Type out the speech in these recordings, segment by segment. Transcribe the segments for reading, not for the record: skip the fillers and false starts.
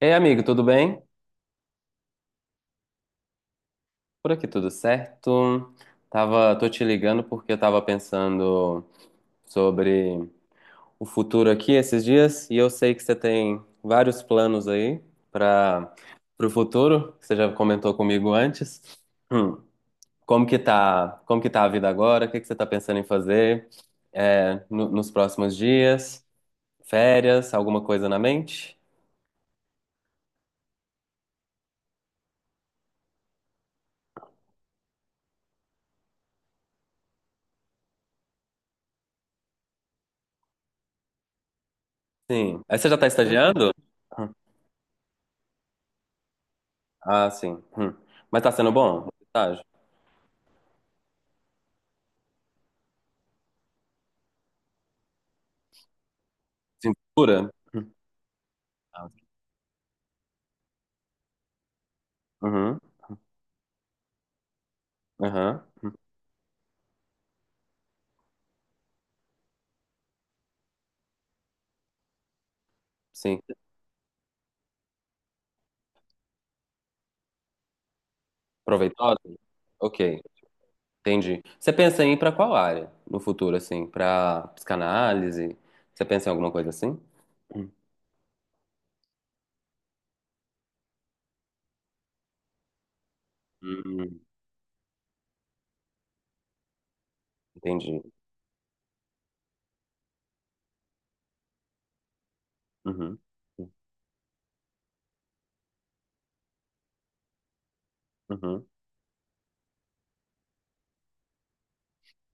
Ei, amigo, tudo bem? Por aqui tudo certo? Tô te ligando porque eu tava pensando sobre o futuro aqui esses dias e eu sei que você tem vários planos aí para o futuro, que você já comentou comigo antes. Hum, como que tá, a vida agora? O que que você tá pensando em fazer nos próximos dias? Férias? Alguma coisa na mente? Sim. Aí você já tá estagiando? Hum. Ah, sim. Hum. Mas tá sendo bom? Tá. Cintura? Ah, ok. Uhum. Aham. Sim. Proveitosa? Ok, entendi. Você pensa em ir pra qual área no futuro, assim? Pra psicanálise? Você pensa em alguma coisa assim? Hum, hum, entendi. Uhum. Uhum.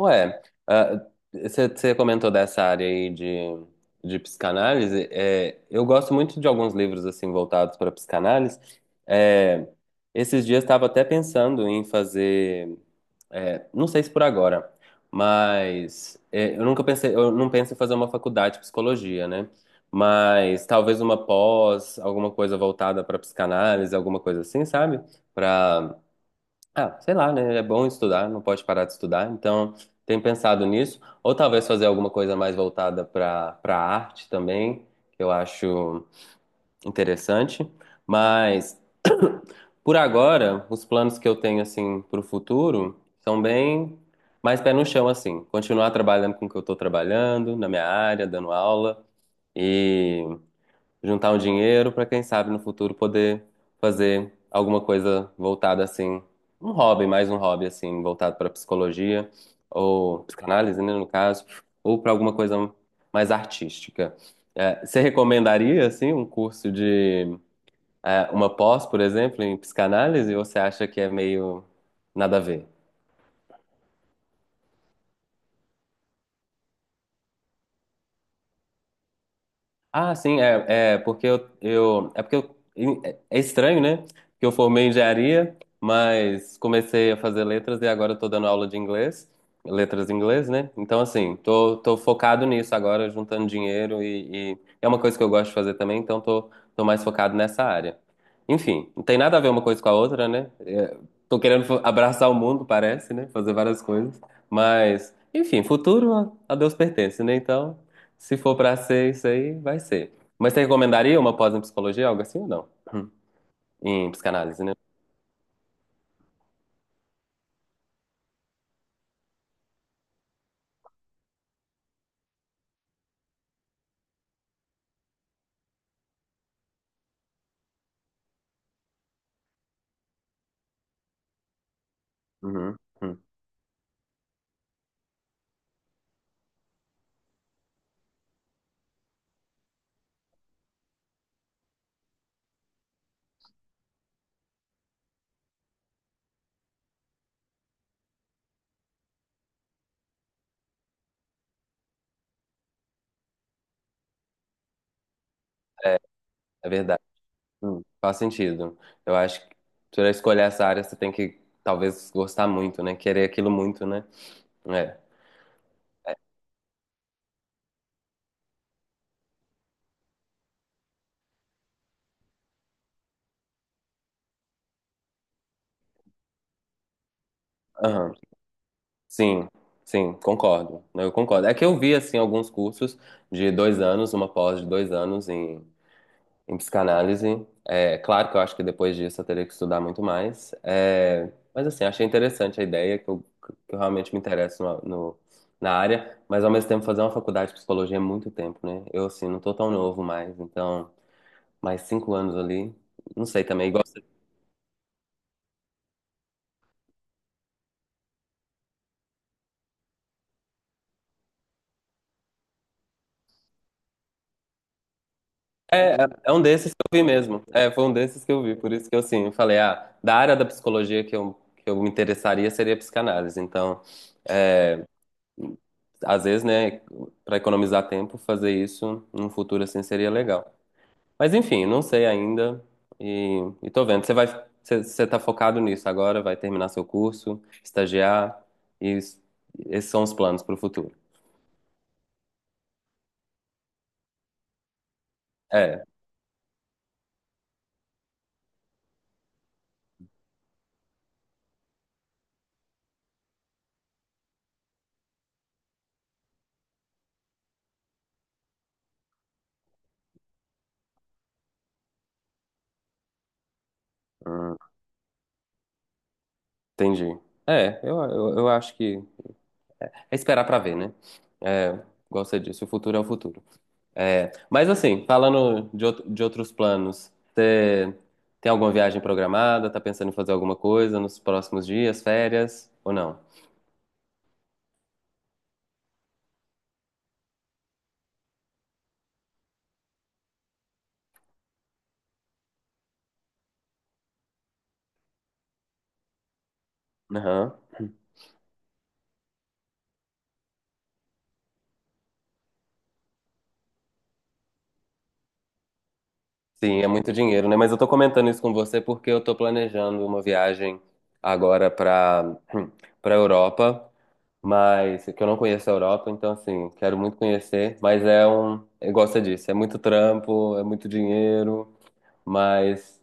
Ué, ah, você comentou dessa área aí de psicanálise. É, eu gosto muito de alguns livros, assim, voltados para psicanálise. É, esses dias estava até pensando em fazer. É, não sei se por agora, mas é, eu nunca pensei, eu não penso em fazer uma faculdade de psicologia, né? Mas talvez uma pós, alguma coisa voltada para psicanálise, alguma coisa assim, sabe? Para, ah, sei lá, né? É bom estudar, não pode parar de estudar, então tenho pensado nisso. Ou talvez fazer alguma coisa mais voltada para arte também, que eu acho interessante, mas por agora, os planos que eu tenho assim para o futuro são bem mais pé no chão assim, continuar trabalhando com o que eu estou trabalhando na minha área, dando aula e juntar um dinheiro para quem sabe no futuro poder fazer alguma coisa voltada assim, um hobby, mais um hobby assim, voltado para psicologia ou psicanálise, né, no caso, ou para alguma coisa mais artística. É, você recomendaria assim um curso de é, uma pós, por exemplo, em psicanálise, ou você acha que é meio nada a ver? Ah, sim, é, é porque eu, é porque eu, é estranho, né? Que eu formei em engenharia, mas comecei a fazer letras e agora eu tô dando aula de inglês, letras em inglês, né? Então assim, tô focado nisso agora, juntando dinheiro e é uma coisa que eu gosto de fazer também, então tô mais focado nessa área. Enfim, não tem nada a ver uma coisa com a outra, né? É, tô querendo abraçar o mundo, parece, né? Fazer várias coisas, mas enfim, futuro a Deus pertence, né? Então, se for pra ser isso aí, vai ser. Mas você recomendaria uma pós em psicologia, algo assim ou não? Hum. Em psicanálise, né? Uhum. Hum. É, é verdade. Hum. Faz sentido. Eu acho que para escolher essa área, você tem que talvez gostar muito, né? Querer aquilo muito, né? É. Aham. Sim, sim, concordo. Eu concordo. É que eu vi, assim, alguns cursos de 2 anos, uma pós de 2 anos em psicanálise. É claro que eu acho que depois disso eu teria que estudar muito mais. É, mas assim, achei interessante a ideia, que eu realmente me interesso no, na área, mas ao mesmo tempo fazer uma faculdade de psicologia é muito tempo, né? Eu, assim, não tô tão novo mais, então, mais 5 anos ali, não sei também, igual você... É, é um desses que eu vi mesmo. É, foi um desses que eu vi, por isso que eu, assim, eu falei, ah, da área da psicologia que eu me interessaria seria a psicanálise, então... às vezes, né, para economizar tempo, fazer isso num futuro assim seria legal. Mas enfim, não sei ainda e tô vendo. Você vai, você, você tá focado nisso agora, vai terminar seu curso, estagiar e esses são os planos para o futuro. É, hum, entendi. É, eu acho que é esperar para ver, né? É, igual você disse, o futuro. É, mas assim, falando de, de outros planos, você tem alguma viagem programada? Tá pensando em fazer alguma coisa nos próximos dias, férias ou não? Aham. Sim, é muito dinheiro, né? Mas eu tô comentando isso com você porque eu tô planejando uma viagem agora pra, pra Europa, mas que eu não conheço a Europa, então assim, quero muito conhecer, mas é um, igual você disse, é muito trampo, é muito dinheiro. Mas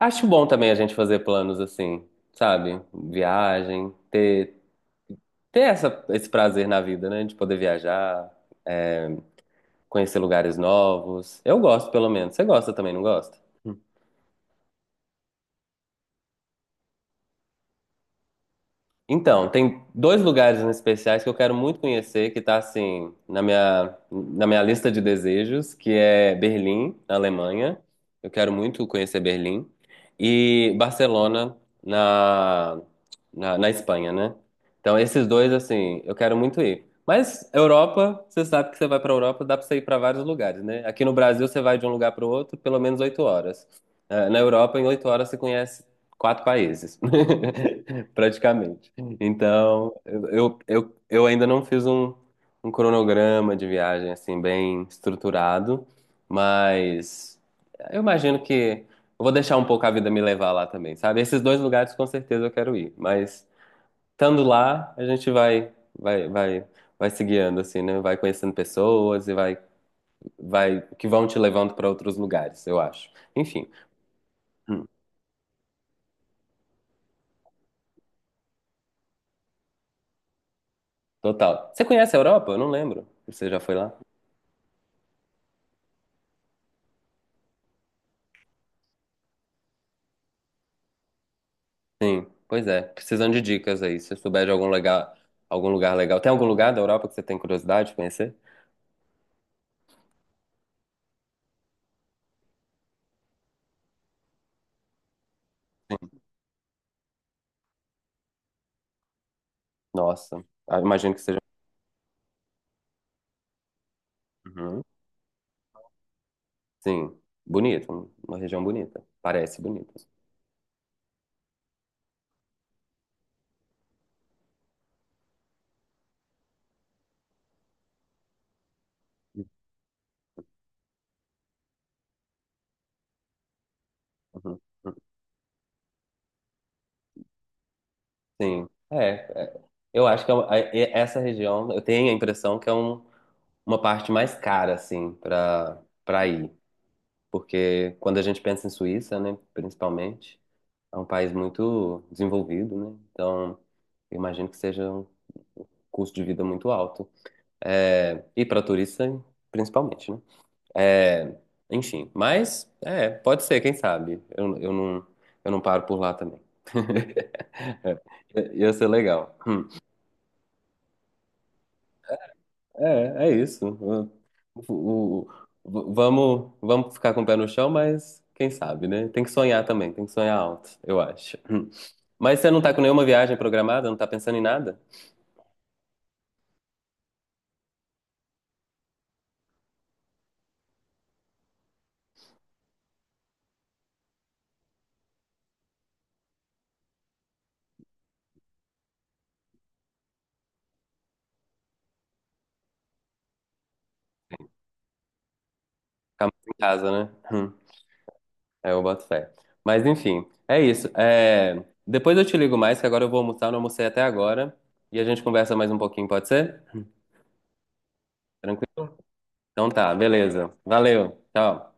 acho bom também a gente fazer planos assim, sabe? Viagem, ter essa, esse prazer na vida, né? De poder viajar, conhecer lugares novos. Eu gosto, pelo menos. Você gosta também, não gosta? Então, tem dois lugares em especiais que eu quero muito conhecer, que tá assim, na minha lista de desejos, que é Berlim, na Alemanha. Eu quero muito conhecer Berlim. E Barcelona, na, na Espanha, né? Então, esses dois, assim, eu quero muito ir. Mas Europa, você sabe que você vai pra Europa, dá pra você ir pra vários lugares, né? Aqui no Brasil, você vai de um lugar pro outro pelo menos 8 horas. Na Europa, em 8 horas, você conhece quatro países, praticamente. Então, eu ainda não fiz um, um cronograma de viagem assim bem estruturado, mas eu imagino que eu vou deixar um pouco a vida me levar lá também, sabe? Esses dois lugares com certeza eu quero ir, mas estando lá, a gente vai se guiando assim, né? Vai conhecendo pessoas e vai que vão te levando para outros lugares, eu acho. Enfim, hum, total. Você conhece a Europa? Eu não lembro. Você já foi lá? Sim, pois é. Precisando de dicas aí. Se souber de algum lugar legal. Tem algum lugar da Europa que você tem curiosidade de conhecer? Sim. Nossa, ah, imagino que seja. Uhum. Sim, bonito, uma região bonita. Parece bonita. Uhum. Sim, é, é. Eu acho que é essa região, eu tenho a impressão que é uma parte mais cara, assim, para ir. Porque quando a gente pensa em Suíça, né, principalmente, é um país muito desenvolvido, né? Então, eu imagino que seja um custo de vida muito alto. É, e para turista, principalmente, né? É, enfim, mas é, pode ser, quem sabe? Eu não paro por lá também. É, ia ser legal. É, é isso. O- vamos ficar com o pé no chão, mas quem sabe, né? Tem que sonhar também, tem que sonhar alto, eu acho. Mas você não tá com nenhuma viagem programada, não tá pensando em nada? Ficar mais em casa, né? É, eu boto fé. Mas enfim, é isso. É, depois eu te ligo mais, que agora eu vou almoçar, não almocei até agora. E a gente conversa mais um pouquinho, pode ser? Tranquilo? Então tá, beleza. Valeu, tchau.